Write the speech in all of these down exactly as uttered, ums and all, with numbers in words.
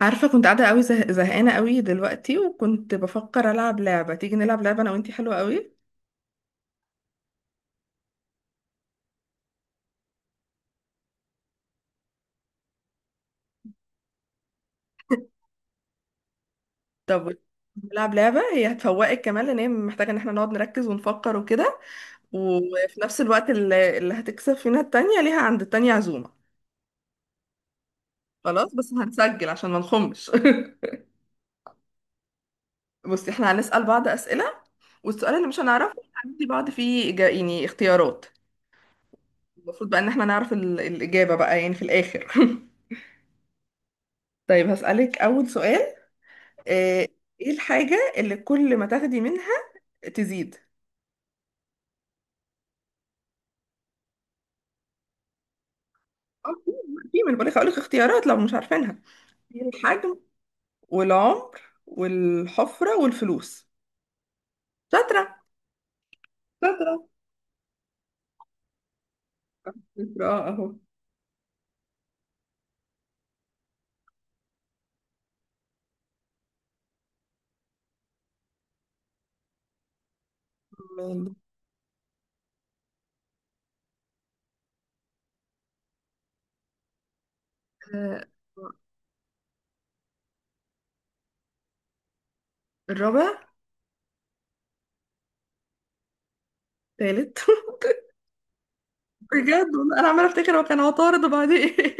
عارفة كنت قاعدة قوي زه... زهقانة قوي دلوقتي، وكنت بفكر ألعب لعبة. تيجي نلعب لعبة أنا وإنتي؟ حلوة قوي. طب نلعب لعبة، هي هتفوقك كمان، لأن هي محتاجة إن احنا نقعد نركز ونفكر وكده. وفي نفس الوقت اللي, اللي هتكسب فينا التانية ليها عند التانية عزومة. خلاص بس هنسجل عشان ما نخمش. بصي احنا هنسأل بعض أسئلة، والسؤال اللي مش هنعرفه هندي بعض فيه إجا... يعني اختيارات. المفروض بقى إن احنا نعرف ال... الإجابة بقى يعني في الآخر. طيب هسألك أول سؤال. آه، ايه الحاجة اللي كل ما تاخدي منها تزيد؟ آه، في. في من بقولك هقولك اختيارات لو مش عارفينها: في الحجم، والعمر، والحفرة، والفلوس. شاطرة. شاطرة. شاطرة اه اهو. مال- آه، الرابع. تالت. بجد والله انا عمالة افتكر هو كان عطارد وبعدين.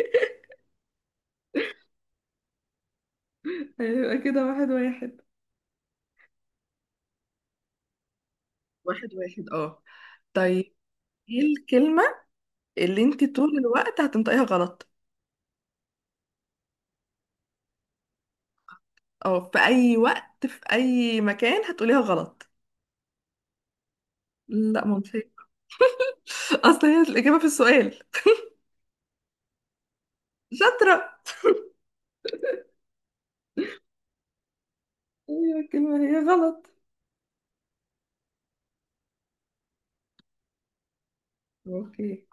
ايه، هيبقى كده واحد واحد. واحد واحد اه. طيب، ايه الكلمة اللي انت طول الوقت هتنطقيها غلط، او في اي وقت في اي مكان هتقوليها غلط؟ لا ما قلتهاش. اصل هي الاجابه في السؤال. شاطره. ايوه الكلمه هي غلط. اوكي.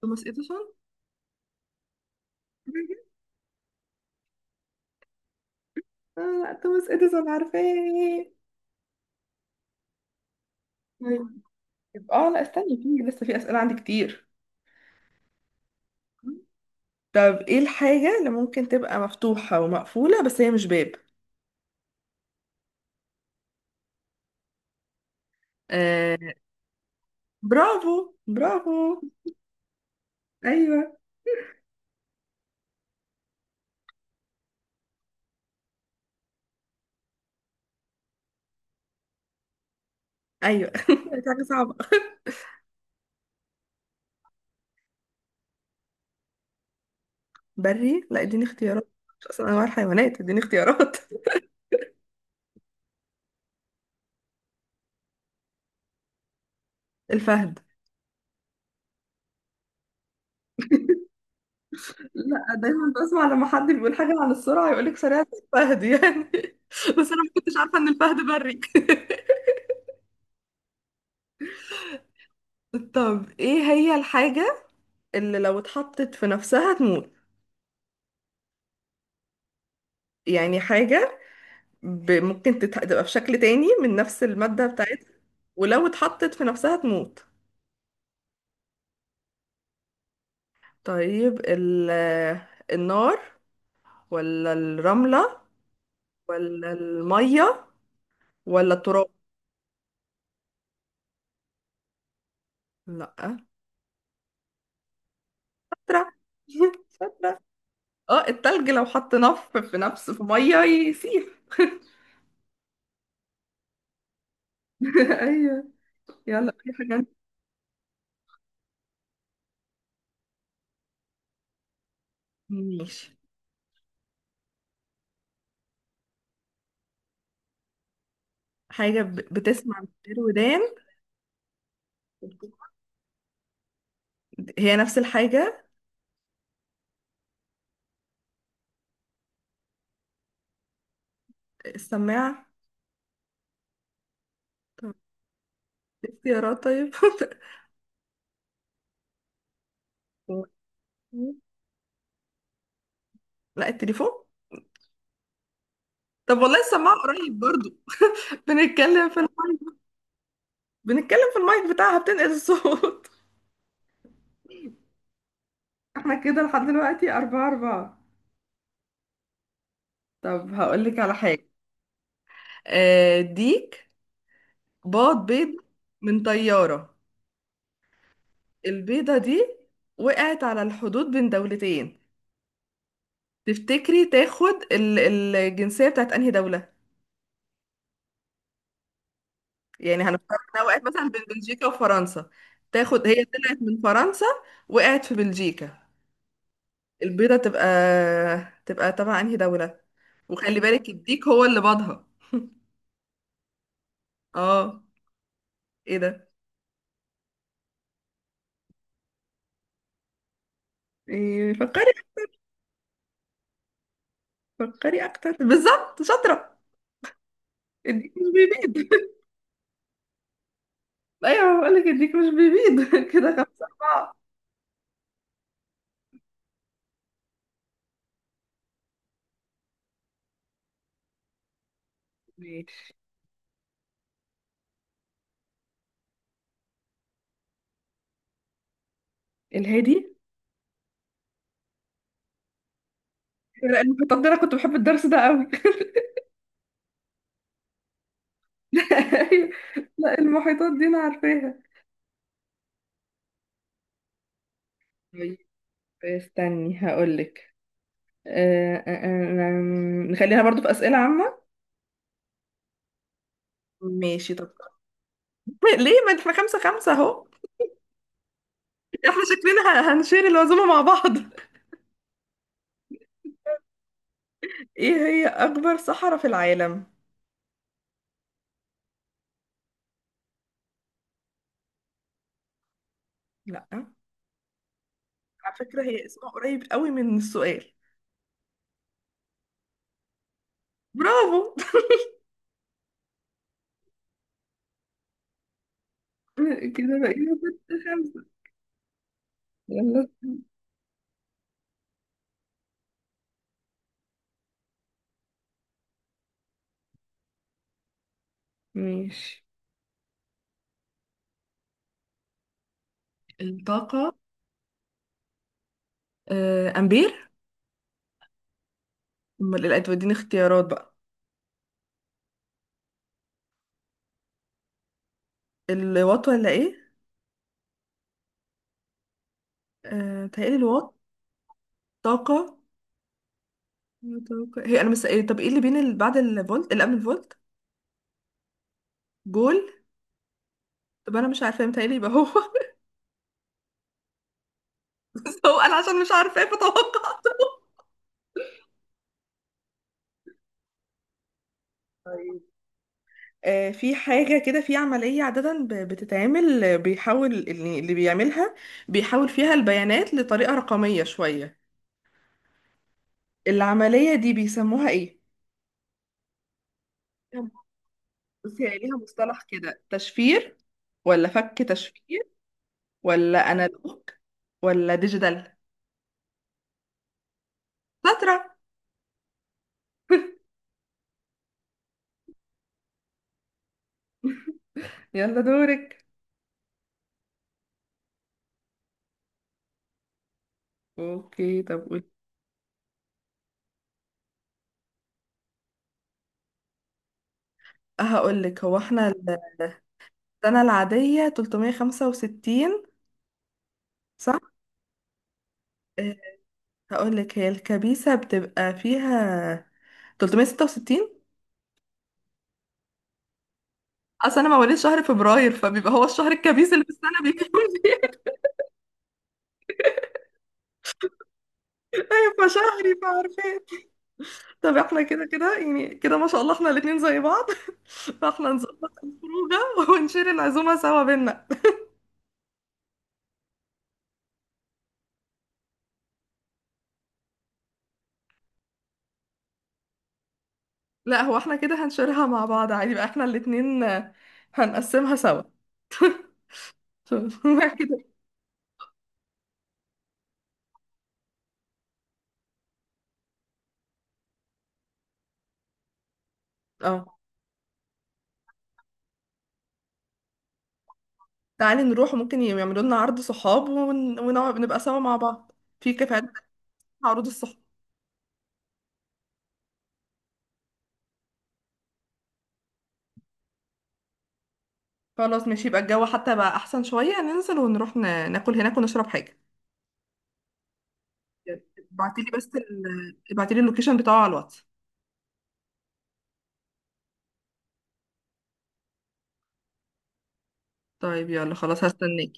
توماس اديسون. آه، لا توماس اديسون عارفاه. طيب. يبقى اه، لا استني، في لسه في اسئله عندي كتير. طب ايه الحاجه اللي ممكن تبقى مفتوحه ومقفوله بس هي مش باب؟ آه. برافو. برافو. ايوه. ايوه. دي حاجه صعبه. بري؟ لا اديني اختيارات، مش اصلا انواع الحيوانات، اديني اختيارات. الفهد. لا دايما بسمع لما حد بيقول حاجة عن السرعة يقولك سريعة زي الفهد يعني. بس أنا ما كنتش عارفة إن الفهد بري. طب إيه هي الحاجة اللي لو اتحطت في نفسها تموت؟ يعني حاجة ب... ممكن تت... تبقى في شكل تاني من نفس المادة بتاعتها، ولو اتحطت في نفسها تموت. طيب ال... النار، ولا الرملة، ولا المية، ولا التراب؟ لا التراب. اه التلج لو حط نف في نفس في ميه يسيح. ايوه. يلا، في حاجه انت- ماشي. حاجه ب- بتسمع من غير ودان؟ هي نفس الحاجه. السماعه. طب اختيارات طيب. لا التليفون. طب والله السماعه قريب برضو، بنتكلم في الم... بنتكلم في المايك بتاعها بتنقل الصوت. احنا كده لحد دلوقتي أربعة أربعة. طب هقول لك على حاجة. آه، ديك بيض بيض من طيارة. البيضة دي وقعت على الحدود بين دولتين، تفتكري تاخد ال- الجنسية بتاعت انهي دولة؟ يعني هنفترض انها وقعت مثلا بين بلجيكا وفرنسا، تاخد. هي طلعت من فرنسا، وقعت في بلجيكا، البيضة تبقى تبقى تبع انهي دولة؟ وخلي بالك الديك هو اللي باضها. اه. ايه ده؟ إيه؟ فكري. فكري اكتر بالظبط. شاطرة. الديك مش بيبيض. ايوه بقول لك الديك مش بيبيض. كده خمسة أربعة. ماشي. الهادي. لا المحيطات دي انا كنت بحب الدرس ده قوي. لا. لا، المحيطات دي انا عارفاها. طيب استني هقولك. أه أه أه نخلينا برضو في أسئلة عامة. ماشي طب. ليه، ما احنا خمسة خمسة اهو. احنا شكلنا ه- هنشير العزومة مع بعض. ايه هي أكبر صحراء في العالم؟ لا. على فكرة هي اسمها قريب قوي من السؤال. برافو. كده بقينا ستة خمسة. يلا. ماشي. الطاقة. آه، أمبير. أمال إيه؟ لا توديني اختيارات بقى. الوات ولا ايه؟ آه تهيألي الوات. طاقة. طاقة. هي انا مس... إيه طب ايه اللي بين اللي بعد الفولت اللي قبل الفولت؟ جول. طب انا مش عارفة متهيألي يبقى هو. بس هو انا عشان مش عارفة بتوقع. طيب. آه في حاجة كده في عملية عادة ب- بتتعمل، آه، بيحول اللي اللي بيعملها بيحول فيها البيانات لطريقة رقمية شوية. العملية دي بيسموها ايه؟ ليها- بصي هي ليها مصطلح كده: تشفير، ولا فك تشفير، ولا انالوج، ولا ديجيتال. شاطرة. يلا دورك. اوكي طب قولي. هقول لك هو احنا ال- السنة العادية تلتمية خمسة وستين، صح؟ آه، هقول لك هي الكبيسة بتبقى فيها تلتمية ستة وستين. اصل انا مواليد شهر فبراير، فبيبقى هو الشهر الكبيس اللي في السنة بيكون فيه. فشهري فعارفين. طب احنا كده كده يعني، كده ما شاء الله احنا الاتنين زي بعض. فاحنا نظبط الخروجة ونشير العزومة سوا بينا. لا هو احنا كده هنشيرها مع بعض عادي بقى، احنا الاتنين، آه، هنقسمها سوا. ف- بعد كده. اه تعالي نروح، ممكن يعملوا لنا عرض صحاب، ون- ونقعد نبقى سوا مع بعض في كافيهات عروض الصحاب. خلاص ماشي، يبقى الجو حتى بقى احسن شوية، ننزل ونروح ن- ناكل هناك ونشرب حاجة. ابعتيلي بس ال... ابعتيلي اللوكيشن بتاعه على الواتس. طيب يلا خلاص هستناك.